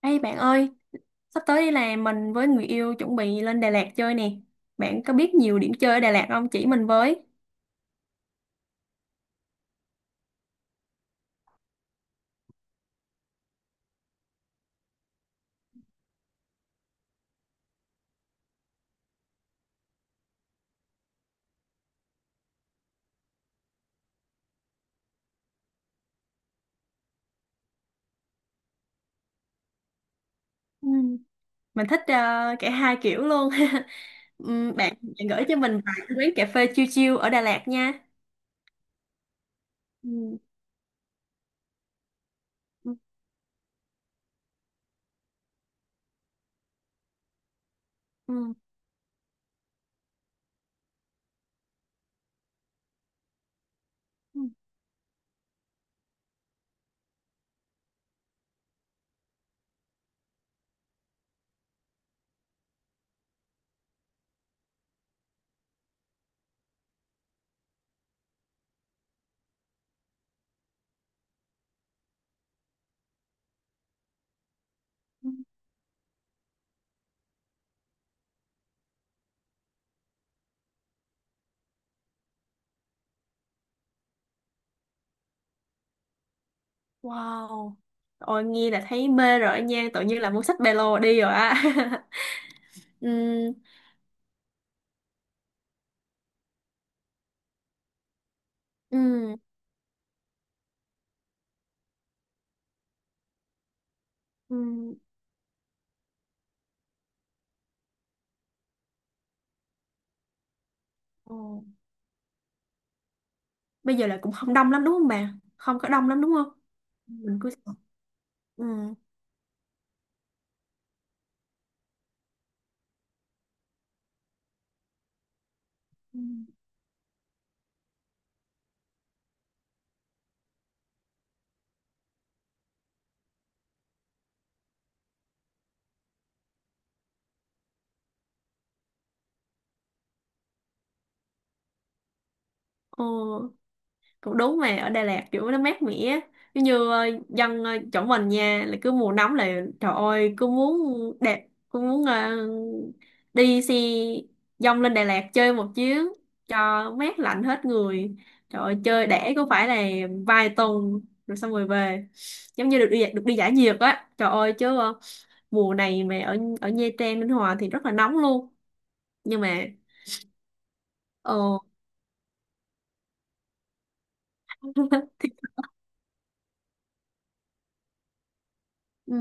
Ê bạn ơi, sắp tới là mình với người yêu chuẩn bị lên Đà Lạt chơi nè. Bạn có biết nhiều điểm chơi ở Đà Lạt không? Chỉ mình với. Ừ. Mình thích cả hai kiểu luôn. Bạn gửi cho mình vài cái quán cà phê chill chill ở Đà Lạt nha. Ừ. Ừ. Ừ. Ừ. Ừ. Wow. Ôi nghe là thấy mê rồi nha, tự nhiên là muốn xách ba lô đi rồi á. Ừm. Ừ. Ừ. Ừ. Ồ, bây giờ là cũng không đông lắm đúng không bà? Không có đông lắm đúng không? Mình cứ. Ừ. Ừm. Ồ, cũng đúng mà ở Đà Lạt kiểu nó mát mẻ á. Giống như dân chỗ mình nha là cứ mùa nóng là trời ơi cứ muốn đẹp cứ muốn đi xe dông lên Đà Lạt chơi một chuyến cho mát lạnh hết người, trời ơi chơi để có phải là vài tuần rồi xong rồi về, giống như được đi giải nhiệt á, trời ơi chứ mùa này mà ở ở Nha Trang Ninh Hòa thì rất là nóng luôn, nhưng mà ờ ừ.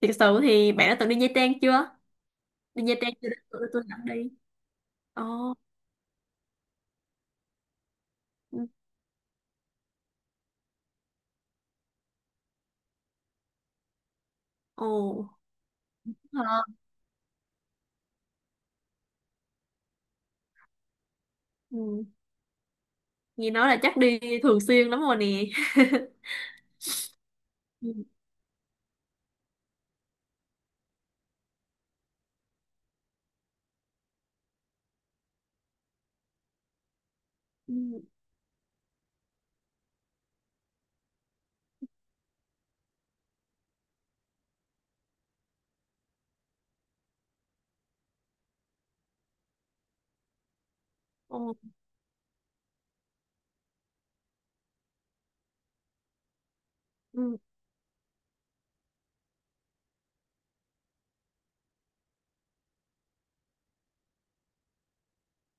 Thiệt sự thì bạn đã từng đi Nha Trang chưa? Đi Nha Trang chưa? Tôi dẫn đi. Ồ, ừ, ồ, hả? Ừ. Nghe nói là chắc đi thường xuyên lắm rồi nè. Ừ, ừ, ồ, ừ.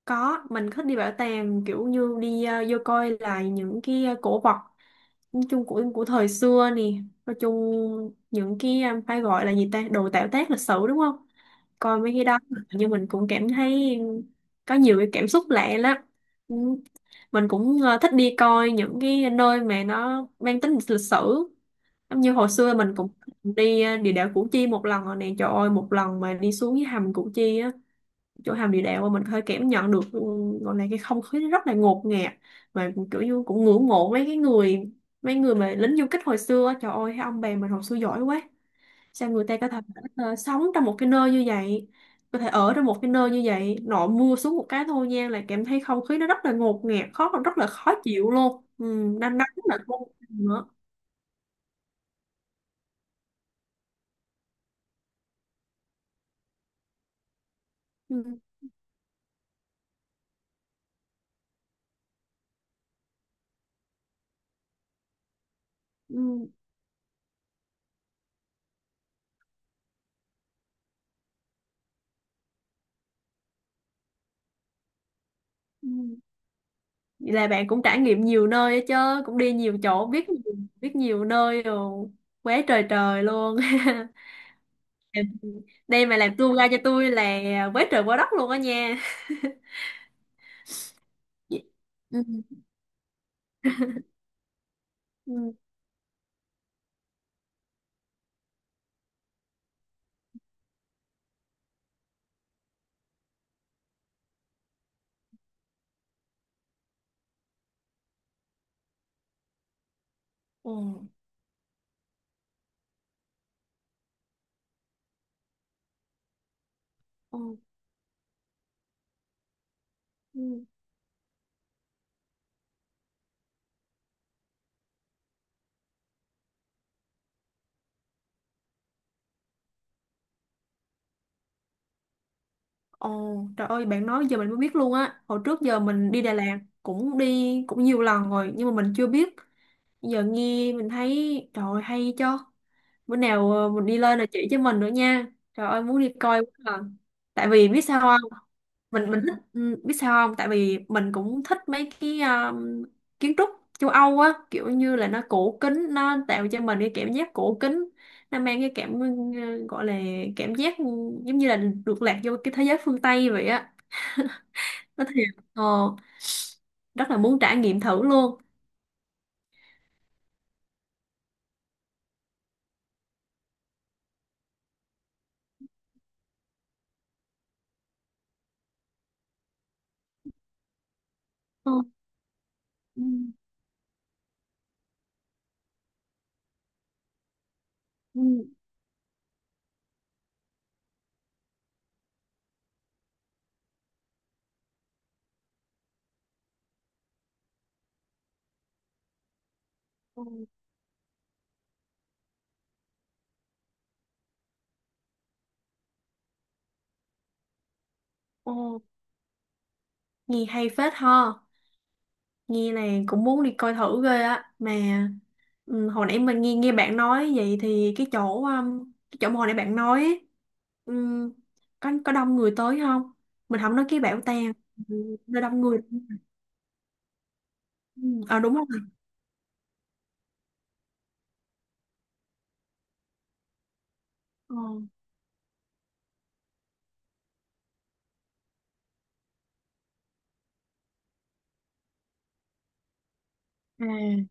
Có, mình thích đi bảo tàng kiểu như đi vô coi lại những cái cổ vật, nói chung của thời xưa nè. Nói chung những cái phải gọi là gì ta? Đồ tạo tác lịch sử đúng không? Coi mấy cái đó nhưng mình cũng cảm thấy có nhiều cái cảm xúc lạ lắm. Ừ. Mình cũng thích đi coi những cái nơi mà nó mang tính lịch sử, giống như hồi xưa mình cũng đi địa đạo Củ Chi một lần rồi nè, trời ơi một lần mà đi xuống cái hầm Củ Chi á, chỗ hầm địa đạo mà mình hơi cảm nhận được ừ, gọi là cái không khí nó rất là ngột ngạt, mà kiểu như cũng ngưỡng mộ mấy cái người, mấy người mà lính du kích hồi xưa á. Trời ơi cái ông bè mình hồi xưa giỏi quá, sao người ta có thể sống trong một cái nơi như vậy, có thể ở trong một cái nơi như vậy, nội mưa xuống một cái thôi nha là cảm thấy không khí nó rất là ngột ngạt khó, rất là khó chịu luôn, ừ, đang nắng là không nữa. Ừ, ừ, ừ. Vậy là bạn cũng trải nghiệm nhiều nơi á chứ, cũng đi nhiều chỗ biết nhiều nơi rồi, quá trời trời luôn. Đây mà làm tour guide cho tôi là quá trời quá đất luôn á nha. Ừ. Ừ. Ừ. Ừ. Ừ. Ồ, trời ơi, bạn nói giờ mình mới biết luôn á. Hồi trước giờ mình đi Đà Lạt cũng đi cũng nhiều lần rồi nhưng mà mình chưa biết. Giờ nghe mình thấy trời ơi, hay cho. Bữa nào mình đi lên là chỉ cho mình nữa nha. Trời ơi muốn đi coi quá à. Tại vì biết sao không? Mình thích ừ, biết sao không? Tại vì mình cũng thích mấy cái kiến trúc châu Âu á, kiểu như là nó cổ kính, nó tạo cho mình cái cảm giác cổ kính. Nó mang cái cảm ừ, gọi là cảm giác ừ, giống như là được lạc vô cái thế giới phương Tây vậy á, nó thiệt rất là muốn trải nghiệm thử luôn. Ờ, ừ, ừ, ờ, ờ, nghe hay phết ha, nghe là cũng muốn đi coi thử ghê á mà ừ, hồi nãy mình nghe nghe bạn nói vậy thì cái chỗ mà hồi nãy bạn nói ấy, ừm, có đông người tới không, mình không nói cái bảo tàng. Ừ, nó đông người. Ừ, à đúng rồi. Ờ, à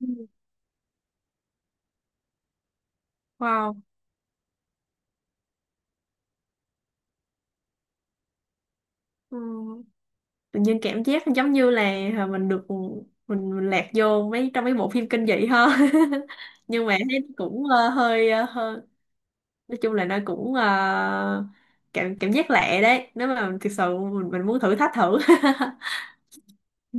ừ, wow, ừ. Tự nhiên cảm giác giống như là mình được ừ, mình lạc vô mấy trong mấy bộ phim kinh dị hơn. Nhưng mà thấy nó cũng hơi hơi, nói chung là nó cũng cảm, cảm giác lạ đấy, nếu mà thực sự mình muốn thử thách thử. Ừ.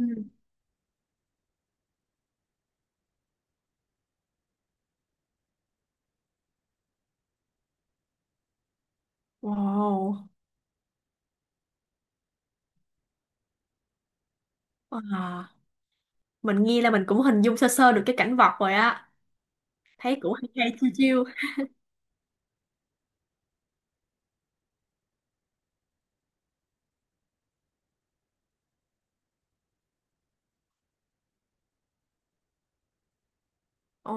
Wow. À, mình nghe là mình cũng hình dung sơ sơ được cái cảnh vật rồi á, thấy cũng hay hay chiêu chiêu. Ồ.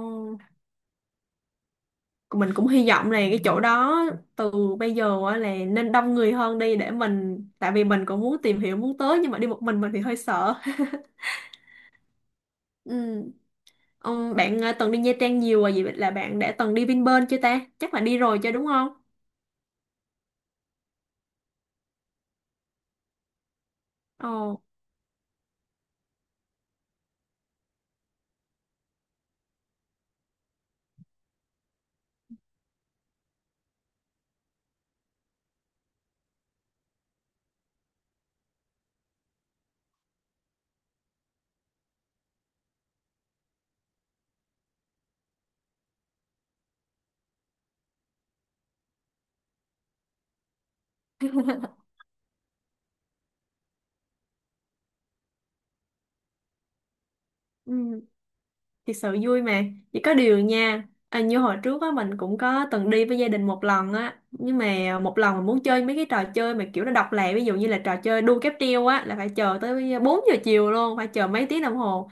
Mình cũng hy vọng là cái chỗ đó từ bây giờ á là nên đông người hơn đi, để mình tại vì mình cũng muốn tìm hiểu muốn tới nhưng mà đi một mình thì hơi sợ. Ừ. Bạn từng đi Nha Trang nhiều rồi vậy là bạn đã từng đi Vinpearl chưa ta, chắc là đi rồi chứ đúng không. Ồ. Ừ. Thật sự vui mà, chỉ có điều nha à, như hồi trước á mình cũng có từng đi với gia đình một lần á, nhưng mà một lần mình muốn chơi mấy cái trò chơi mà kiểu nó độc lạ, ví dụ như là trò chơi đu cáp treo á là phải chờ tới 4 giờ chiều luôn, phải chờ mấy tiếng đồng hồ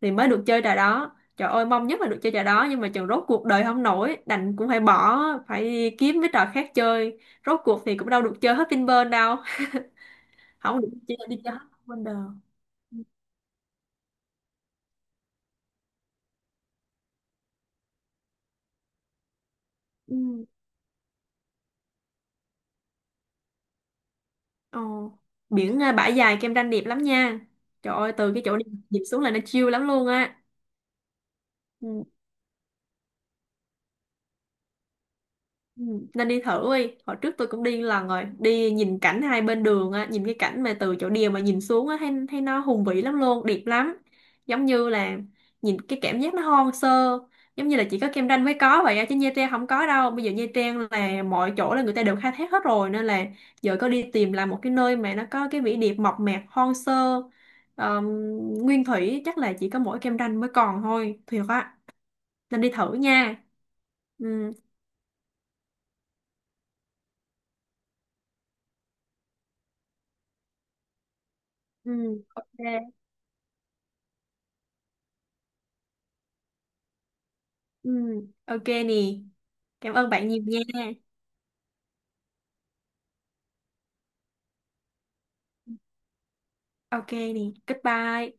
thì mới được chơi trò đó, trời ơi mong nhất là được chơi trò đó nhưng mà chừng rốt cuộc đời không nổi đành cũng phải bỏ, phải đi kiếm mấy trò khác chơi, rốt cuộc thì cũng đâu được chơi hết Vinpearl đâu. Không được chơi đi chơi hết Wonder. Ừ. Ồ. Biển à, bãi dài Kem Ranh đẹp lắm nha, trời ơi từ cái chỗ đi dịp xuống là nó chill lắm luôn á. Ừ. Ừ, nên đi thử đi. Hồi trước tôi cũng đi lần rồi. Đi nhìn cảnh hai bên đường á, nhìn cái cảnh mà từ chỗ đèo mà nhìn xuống á, thấy nó hùng vĩ lắm luôn, đẹp lắm. Giống như là nhìn cái cảm giác nó hoang sơ, giống như là chỉ có Cam Ranh mới có vậy á, chứ Nha Trang không có đâu. Bây giờ Nha Trang là mọi chỗ là người ta đều khai thác hết rồi, nên là giờ có đi tìm lại một cái nơi mà nó có cái vẻ đẹp mộc mạc, hoang sơ, ờm, nguyên thủy, chắc là chỉ có mỗi Cam Ranh mới còn thôi. Thiệt á, nên đi thử nha. Ừ. Ừ, ok. Ừ, ok nè. Cảm ơn bạn nhiều nha. Ok nè. Goodbye.